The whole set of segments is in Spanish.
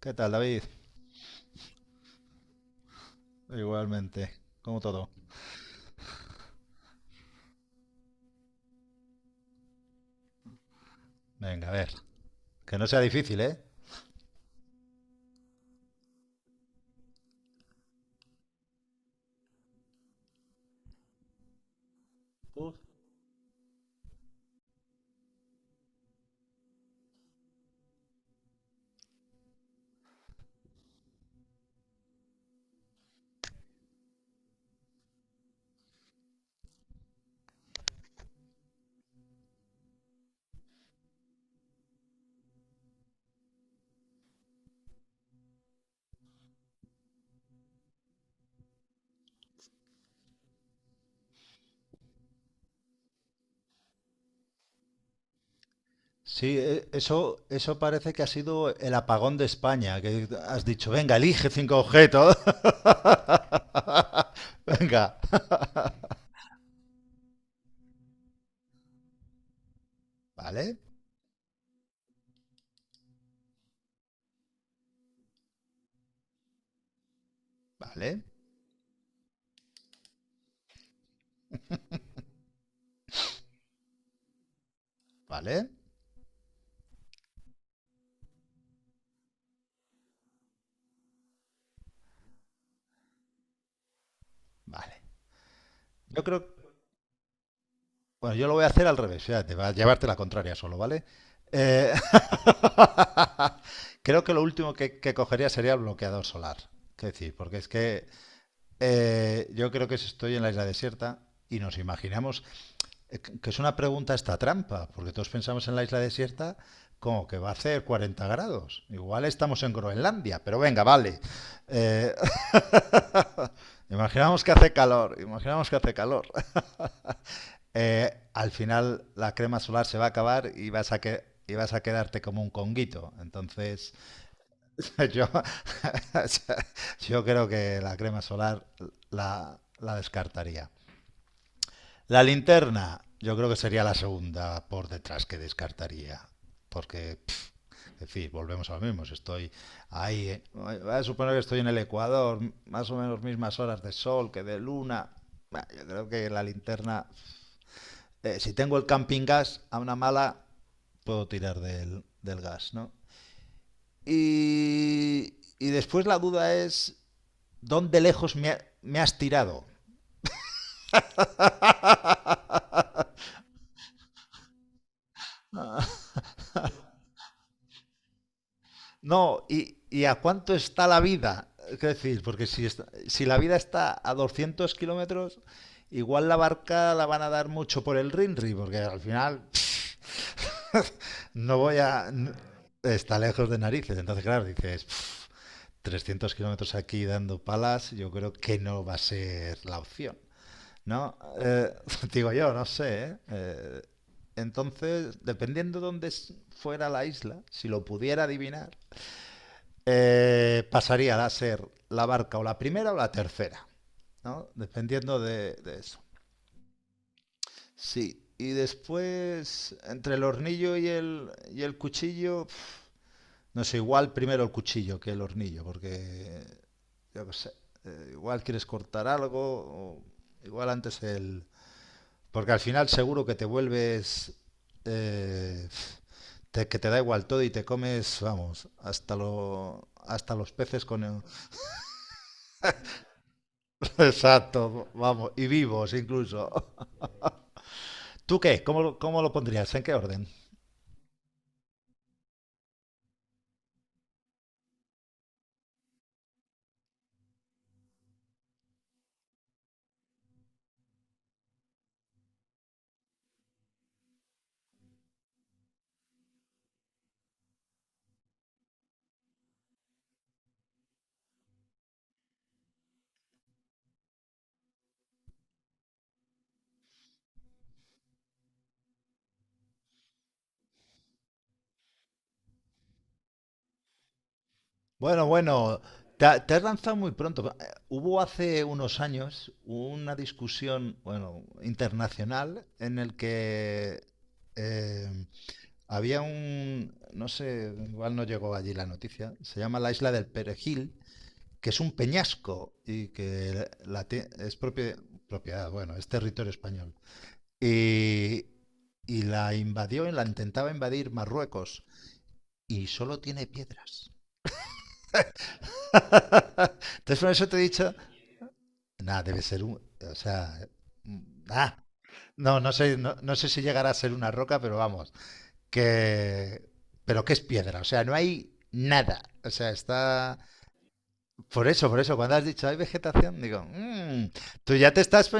¿Qué tal, David? Igualmente, como todo. Venga, a ver. Que no sea difícil, ¿eh? Uf, Sí, eso, eso parece que ha sido el apagón de España, que has dicho, venga, elige 5 objetos. Venga. Vale, vale, vale, vale. Yo creo, bueno, yo lo voy a hacer al revés, fíjate, va a llevarte la contraria solo, ¿vale? Eh, Creo que lo último que cogería sería el bloqueador solar. Que decir, porque es que Yo creo que si estoy en la isla desierta y nos imaginamos que es una pregunta esta trampa, porque todos pensamos en la isla desierta como que va a hacer 40 grados. Igual estamos en Groenlandia, pero venga, vale. Eh, Imaginamos que hace calor, imaginamos que hace calor. Al final la crema solar se va a acabar y vas a que y vas a quedarte como un conguito. Entonces, yo, yo creo que la crema solar la descartaría. La linterna, yo creo que sería la segunda por detrás que descartaría. Porque, es decir, volvemos a lo mismo. Si estoy ahí, voy a suponer que estoy en el Ecuador, más o menos mismas horas de sol que de luna. Yo creo que la linterna, si tengo el camping gas a una mala, puedo tirar del gas, ¿no? Y después la duda es, ¿dónde lejos me has tirado? No, y ¿a cuánto está la vida? ¿Qué decir? Porque si la vida está a 200 kilómetros, igual la barca la van a dar mucho por el Rinri, porque al final no voy a... n- Está lejos de narices, entonces claro, dices, "Pf, 300 kilómetros aquí dando palas, yo creo que no va a ser la opción, ¿no? Digo yo, no sé, ¿eh? Entonces, dependiendo dónde fuera la isla, si lo pudiera adivinar, pasaría a ser la barca o la primera o la tercera, ¿no? Dependiendo de eso. Sí, y después entre el hornillo y el cuchillo, pf, no sé, igual primero el cuchillo que el hornillo, porque yo qué sé, igual quieres cortar algo, o igual antes el... Porque al final seguro que te vuelves... eh, que te da igual todo y te comes, vamos, hasta los peces con el, exacto, vamos, y vivos incluso. ¿Tú qué? Cómo lo pondrías? ¿En qué orden? Bueno, bueno, te has lanzado muy pronto. Hubo hace unos años una discusión, bueno, internacional en el que eh, había un, no sé, igual no llegó allí la noticia, se llama la Isla del Perejil, que es un peñasco y que es propia, propiedad, bueno, es territorio español. Y, y la invadió y la intentaba invadir Marruecos y solo tiene piedras. Entonces por eso te he dicho, nada, debe ser un, o sea, ah, no, no sé, no sé si llegará a ser una roca, pero vamos, que, pero que es piedra, o sea, no hay nada. O sea, está. Por eso, cuando has dicho hay vegetación, digo, "Mm, tú ya te estás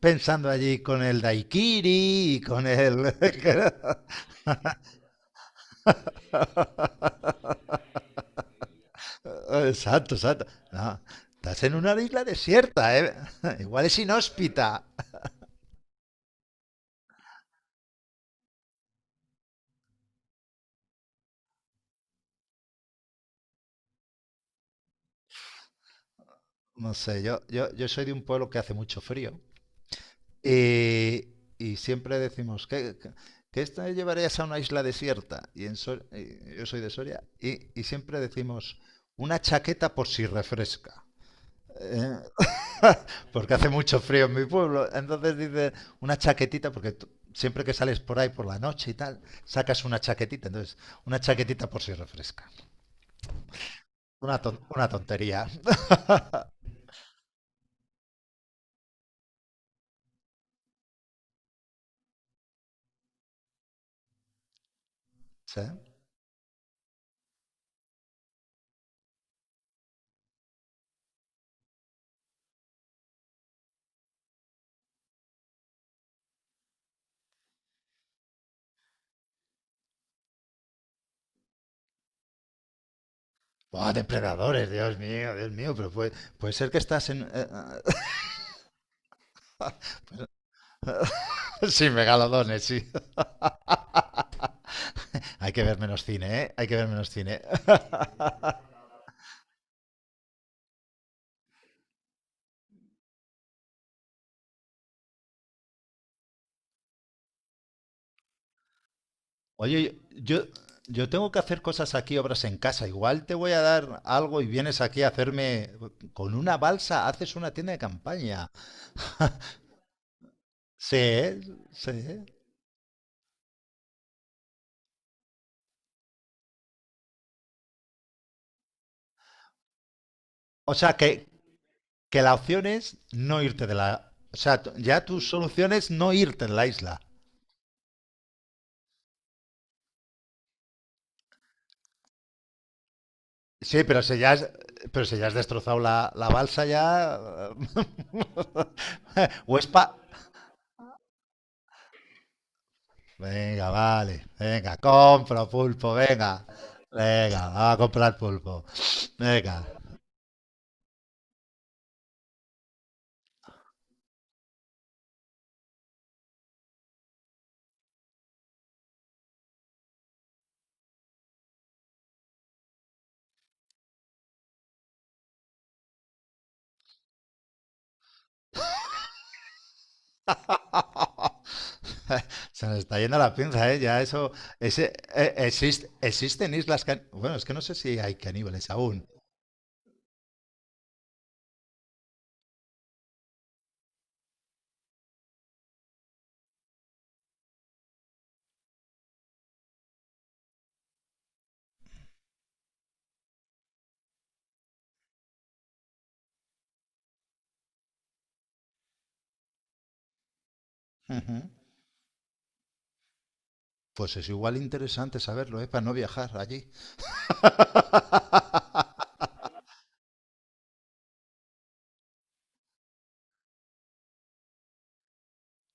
pensando allí con el daiquiri y con el. Ah, exacto, exacto. No, estás en una isla desierta, ¿eh? Igual es inhóspita. No sé, yo soy de un pueblo que hace mucho frío y, y siempre decimos, qué te llevarías a una isla desierta? Y y yo soy de Soria y siempre decimos, una chaqueta por si refresca. ¿Eh? Porque hace mucho frío en mi pueblo. Entonces dice una chaquetita, siempre que sales por ahí por la noche y tal, sacas una chaquetita. Entonces, una chaquetita por si refresca. Una tontería. Sí. Buah, depredadores, Dios mío, pero puede, puede ser que estás en... sí, megalodones, sí. Hay que ver menos cine, ¿eh? Hay que ver menos cine. Oye, yo tengo que hacer cosas aquí, obras en casa. Igual te voy a dar algo y vienes aquí a hacerme con una balsa, haces una tienda de campaña. Sí, sí. O sea, que la opción es no irte de la... O sea, ya tu solución es no irte de la isla. Sí, pero si ya has destrozado la balsa ya... o es pa- venga, vale. Venga, compro pulpo, venga. Venga, va a comprar pulpo. Venga. Se nos está yendo la pinza, ¿eh? Ya eso... ese, existen islas... bueno, es que no sé si hay caníbales aún. Ujú. Pues es igual interesante saberlo, ¿eh? Para no viajar allí.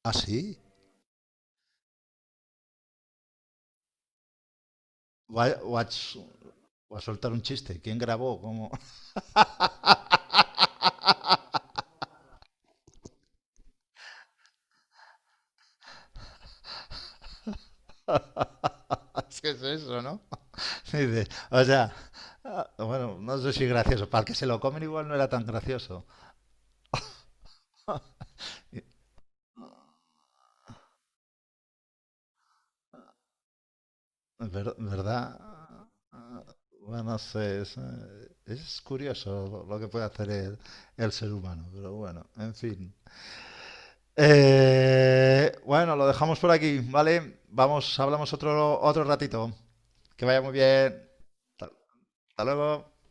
¿Ah, sí? Voy a voy a soltar un chiste. ¿Quién grabó? ¿Cómo? Es que es eso, ¿no? Dice, o sea, ah, bueno, no sé si gracioso. Para el que se lo comen igual no era tan gracioso. Y, ¿verdad? Ah, bueno, no sé, es curioso lo que puede hacer el ser humano, pero bueno, en fin. Bueno, lo dejamos por aquí, ¿vale? Vamos, hablamos otro, otro ratito. Que vaya muy bien. Hasta Hasta luego.